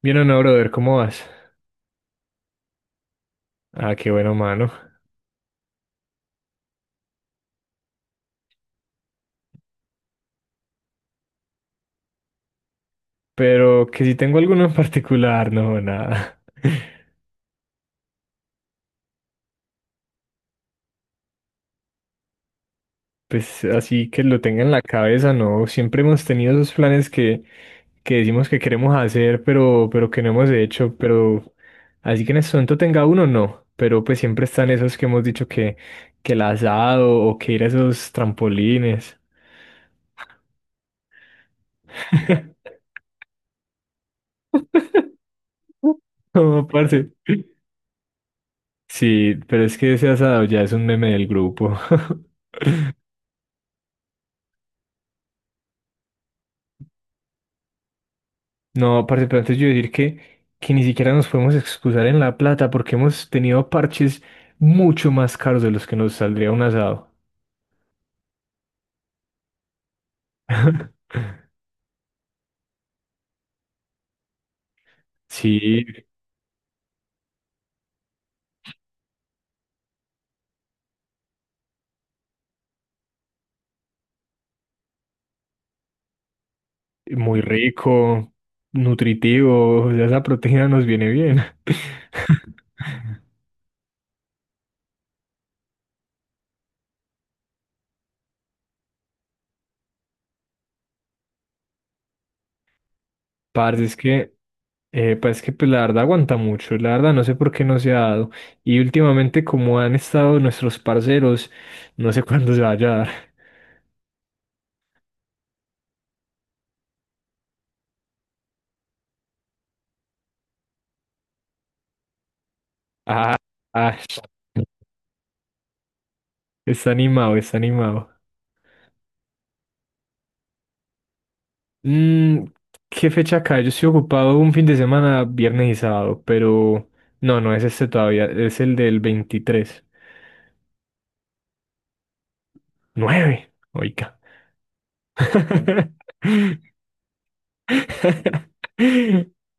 Bien o no, brother, ¿cómo vas? Ah, qué bueno, mano. Pero que si tengo alguno en particular, no, nada. Pues así que lo tenga en la cabeza, no. Siempre hemos tenido esos planes que decimos que queremos hacer, pero que no hemos hecho. Pero así que en este momento tenga uno, no. Pero pues siempre están esos que hemos dicho que el asado o que ir a esos trampolines. No, parce. Sí, pero es que ese asado ya es un meme del grupo. No, parce, pero antes yo decir que ni siquiera nos podemos excusar en la plata porque hemos tenido parches mucho más caros de los que nos saldría un asado. Sí, muy rico, nutritivo, ya esa proteína nos viene bien. Parce, es que, pues es que pues, la verdad aguanta mucho, la verdad no sé por qué no se ha dado. Y últimamente como han estado nuestros parceros, no sé cuándo se vaya a dar. Ah, ah. Está animado, está animado. Mm, ¿Qué fecha cae? Yo estoy ocupado un fin de semana, viernes y sábado, pero no, no es este todavía, es el del 23. ¡Nueve! Oiga.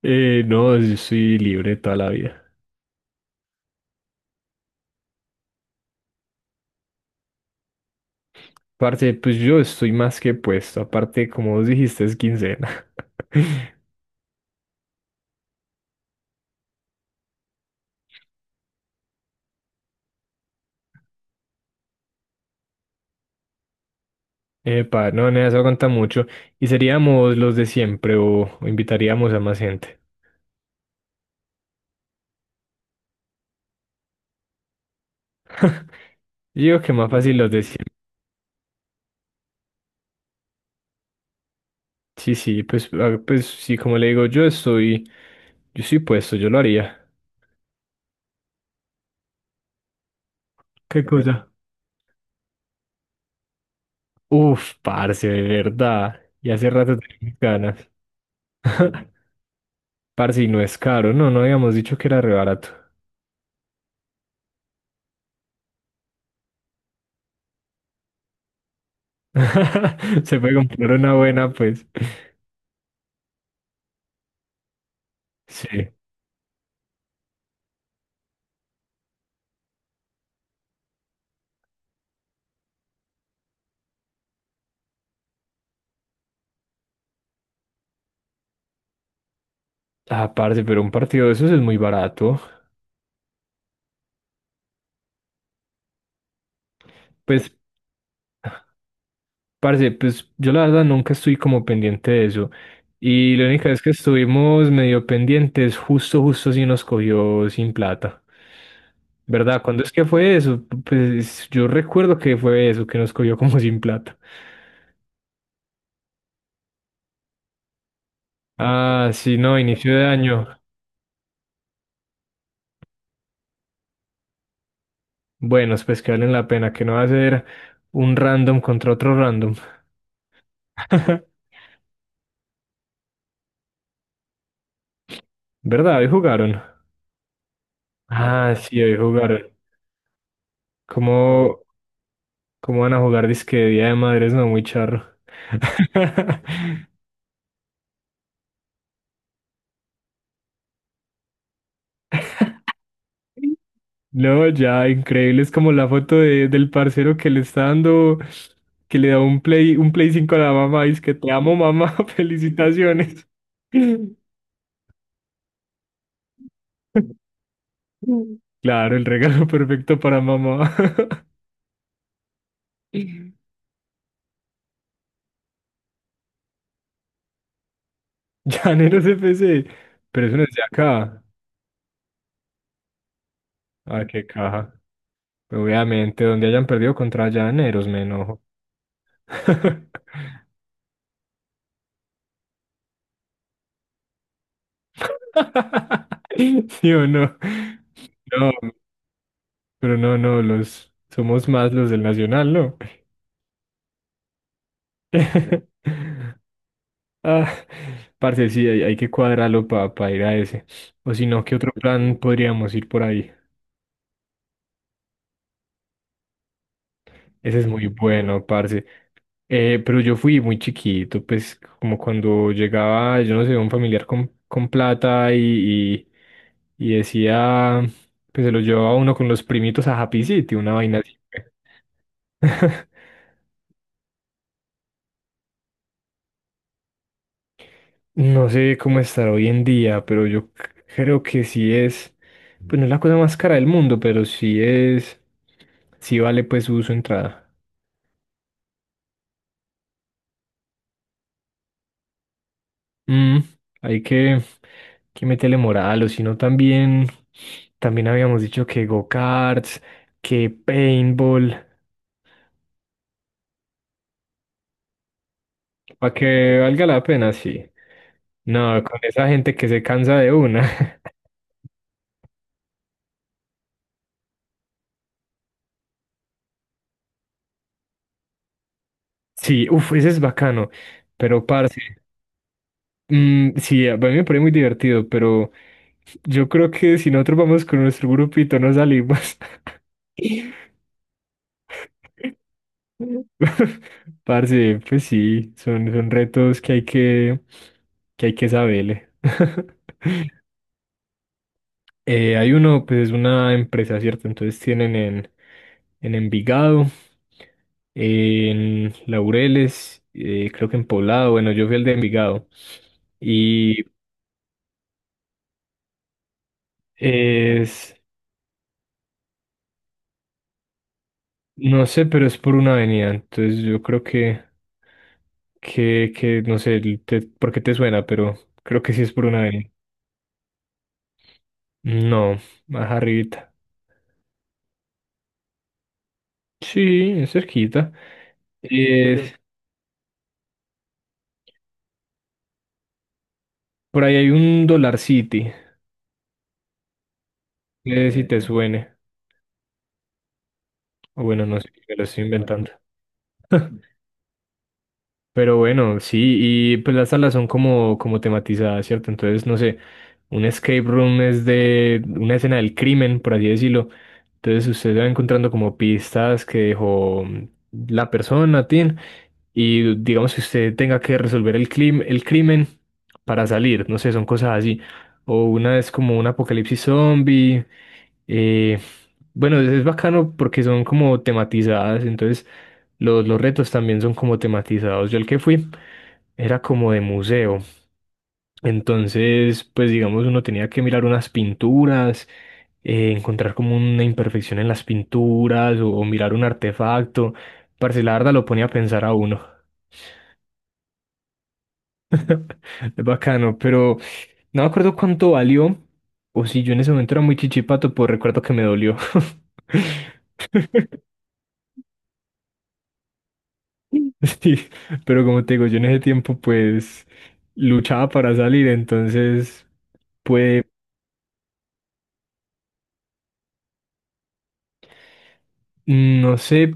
No, yo soy libre toda la vida. Aparte, pues yo estoy más que puesto. Aparte, como vos dijiste, es quincena. Epa, no, nada, eso aguanta mucho. ¿Y seríamos los de siempre o, invitaríamos a más gente? Yo digo que más fácil los de siempre. Sí, sí, pues, ah, pues sí, como le digo, yo estoy puesto, yo lo haría. ¿Qué cosa? Uf, parce, de verdad. Y hace rato tenía ganas. Parce, y no es caro, no, no habíamos dicho que era re barato. Se puede comprar una buena, pues. Sí. Ah, parce, pero un partido de esos es muy barato. Pues parce, pues yo la verdad nunca estoy como pendiente de eso. Y la única vez que estuvimos medio pendientes, justo, justo si nos cogió sin plata. ¿Verdad? ¿Cuándo es que fue eso? Pues yo recuerdo que fue eso, que nos cogió como sin plata. Ah, sí, no, inicio de año. Buenos, pues que valen la pena, que no va a ser un random contra otro random. ¿Verdad? Hoy jugaron. Ah, sí, hoy jugaron. Como, ¿Cómo van a jugar disque de Día de Madres? No, muy charro. No, ya, increíble. Es como la foto del parcero que le está dando, que le da un play, 5 a la mamá. Y es que te amo, mamá. Felicitaciones. Claro, el regalo perfecto para mamá. Llaneros FC. Pero eso no es de acá. Ah, qué caja. Obviamente, donde hayan perdido contra Llaneros, me enojo. ¿Sí o no? No, pero no, no, los somos más los del Nacional, ¿no? Ah, parce, sí, hay que cuadrarlo para ir a ese. O si no, ¿qué otro plan podríamos ir por ahí? Ese es muy bueno, parce. Pero yo fui muy chiquito, pues como cuando llegaba, yo no sé, un familiar con plata y, y decía, pues se lo llevaba uno con los primitos a Happy City, una vaina así. No sé cómo estará hoy en día, pero yo creo que sí es, pues no es la cosa más cara del mundo, pero sí es, sí vale pues su, entrada. Mm, Hay que meterle moral, o si no también habíamos dicho que go-karts, que paintball, para que valga la pena, sí. No, con esa gente que se cansa de una. Sí, uff, ese es bacano, pero parce, sí, a mí me parece muy divertido, pero. Yo creo que si nosotros vamos con nuestro grupito no salimos. Parce, pues sí, son retos que hay que hay que saberle. Hay uno, pues es una empresa, ¿cierto? Entonces tienen en Envigado, en Laureles, creo que en Poblado, bueno, yo fui el de Envigado. Y es, No sé, pero es por una avenida, entonces yo creo que no sé por qué te suena, pero creo que sí es por una avenida. No, más arribita. Sí, es cerquita. Eh, por ahí hay un Dollar City, no sé si te suene, o bueno, no sé, me lo estoy inventando. Pero bueno, sí, y pues las salas son como tematizadas, ¿cierto? Entonces, no sé, un escape room es de una escena del crimen, por así decirlo. Entonces usted va encontrando como pistas que dejó la persona, Tin, y digamos que usted tenga que resolver el crimen para salir, no sé, son cosas así. O una es como un apocalipsis zombie. eh, bueno, es bacano porque son como tematizadas, entonces los retos también son como tematizados. Yo el que fui era como de museo. Entonces, pues digamos, uno tenía que mirar unas pinturas, encontrar como una imperfección en las pinturas o mirar un artefacto. Parce, la verdad lo ponía a pensar a uno. Es bacano, pero no me acuerdo cuánto valió o si yo en ese momento era muy chichipato, pues recuerdo que me dolió. Sí, pero como te digo, yo en ese tiempo pues luchaba para salir, entonces pude. No sé,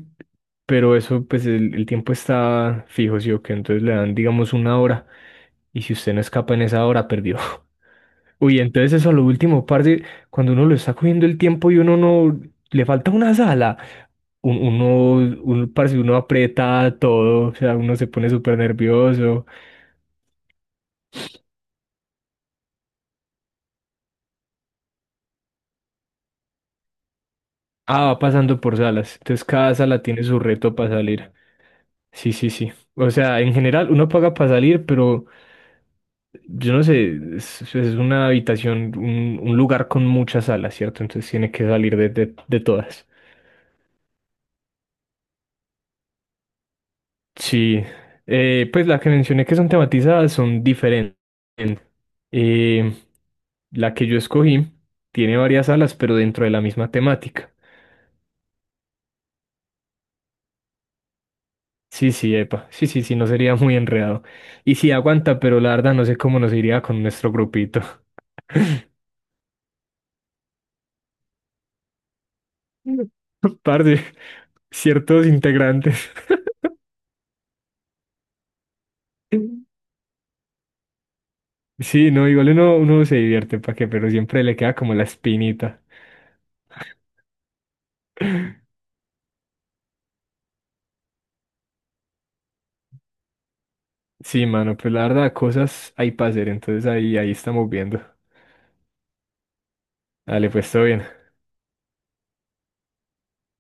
pero eso, pues el, tiempo está fijo, sí o qué, entonces le dan, digamos, una hora, y si usted no escapa en esa hora, perdió. Uy, entonces eso a lo último, parce, cuando uno lo está cogiendo el tiempo y uno no, le falta una sala, parce, uno aprieta todo, o sea, uno se pone súper nervioso. Ah, va pasando por salas, entonces cada sala tiene su reto para salir. Sí, sí, sí. O sea, en general uno paga para salir, pero yo no sé, es, una habitación, un lugar con muchas salas, ¿cierto? Entonces tiene que salir de todas. Sí, pues las que mencioné que son tematizadas son diferentes. Eh, la que yo escogí tiene varias salas, pero dentro de la misma temática. Sí, sí, epa, sí, sí, sí, no sería muy enredado. Y sí, aguanta, pero la verdad no sé cómo nos iría con nuestro grupito. Par de ciertos integrantes. Sí, no, igual uno, se divierte, ¿para qué? Pero siempre le queda como la espinita. Sí, mano, pues la verdad, cosas hay para hacer, entonces ahí estamos viendo. Dale, pues todo bien.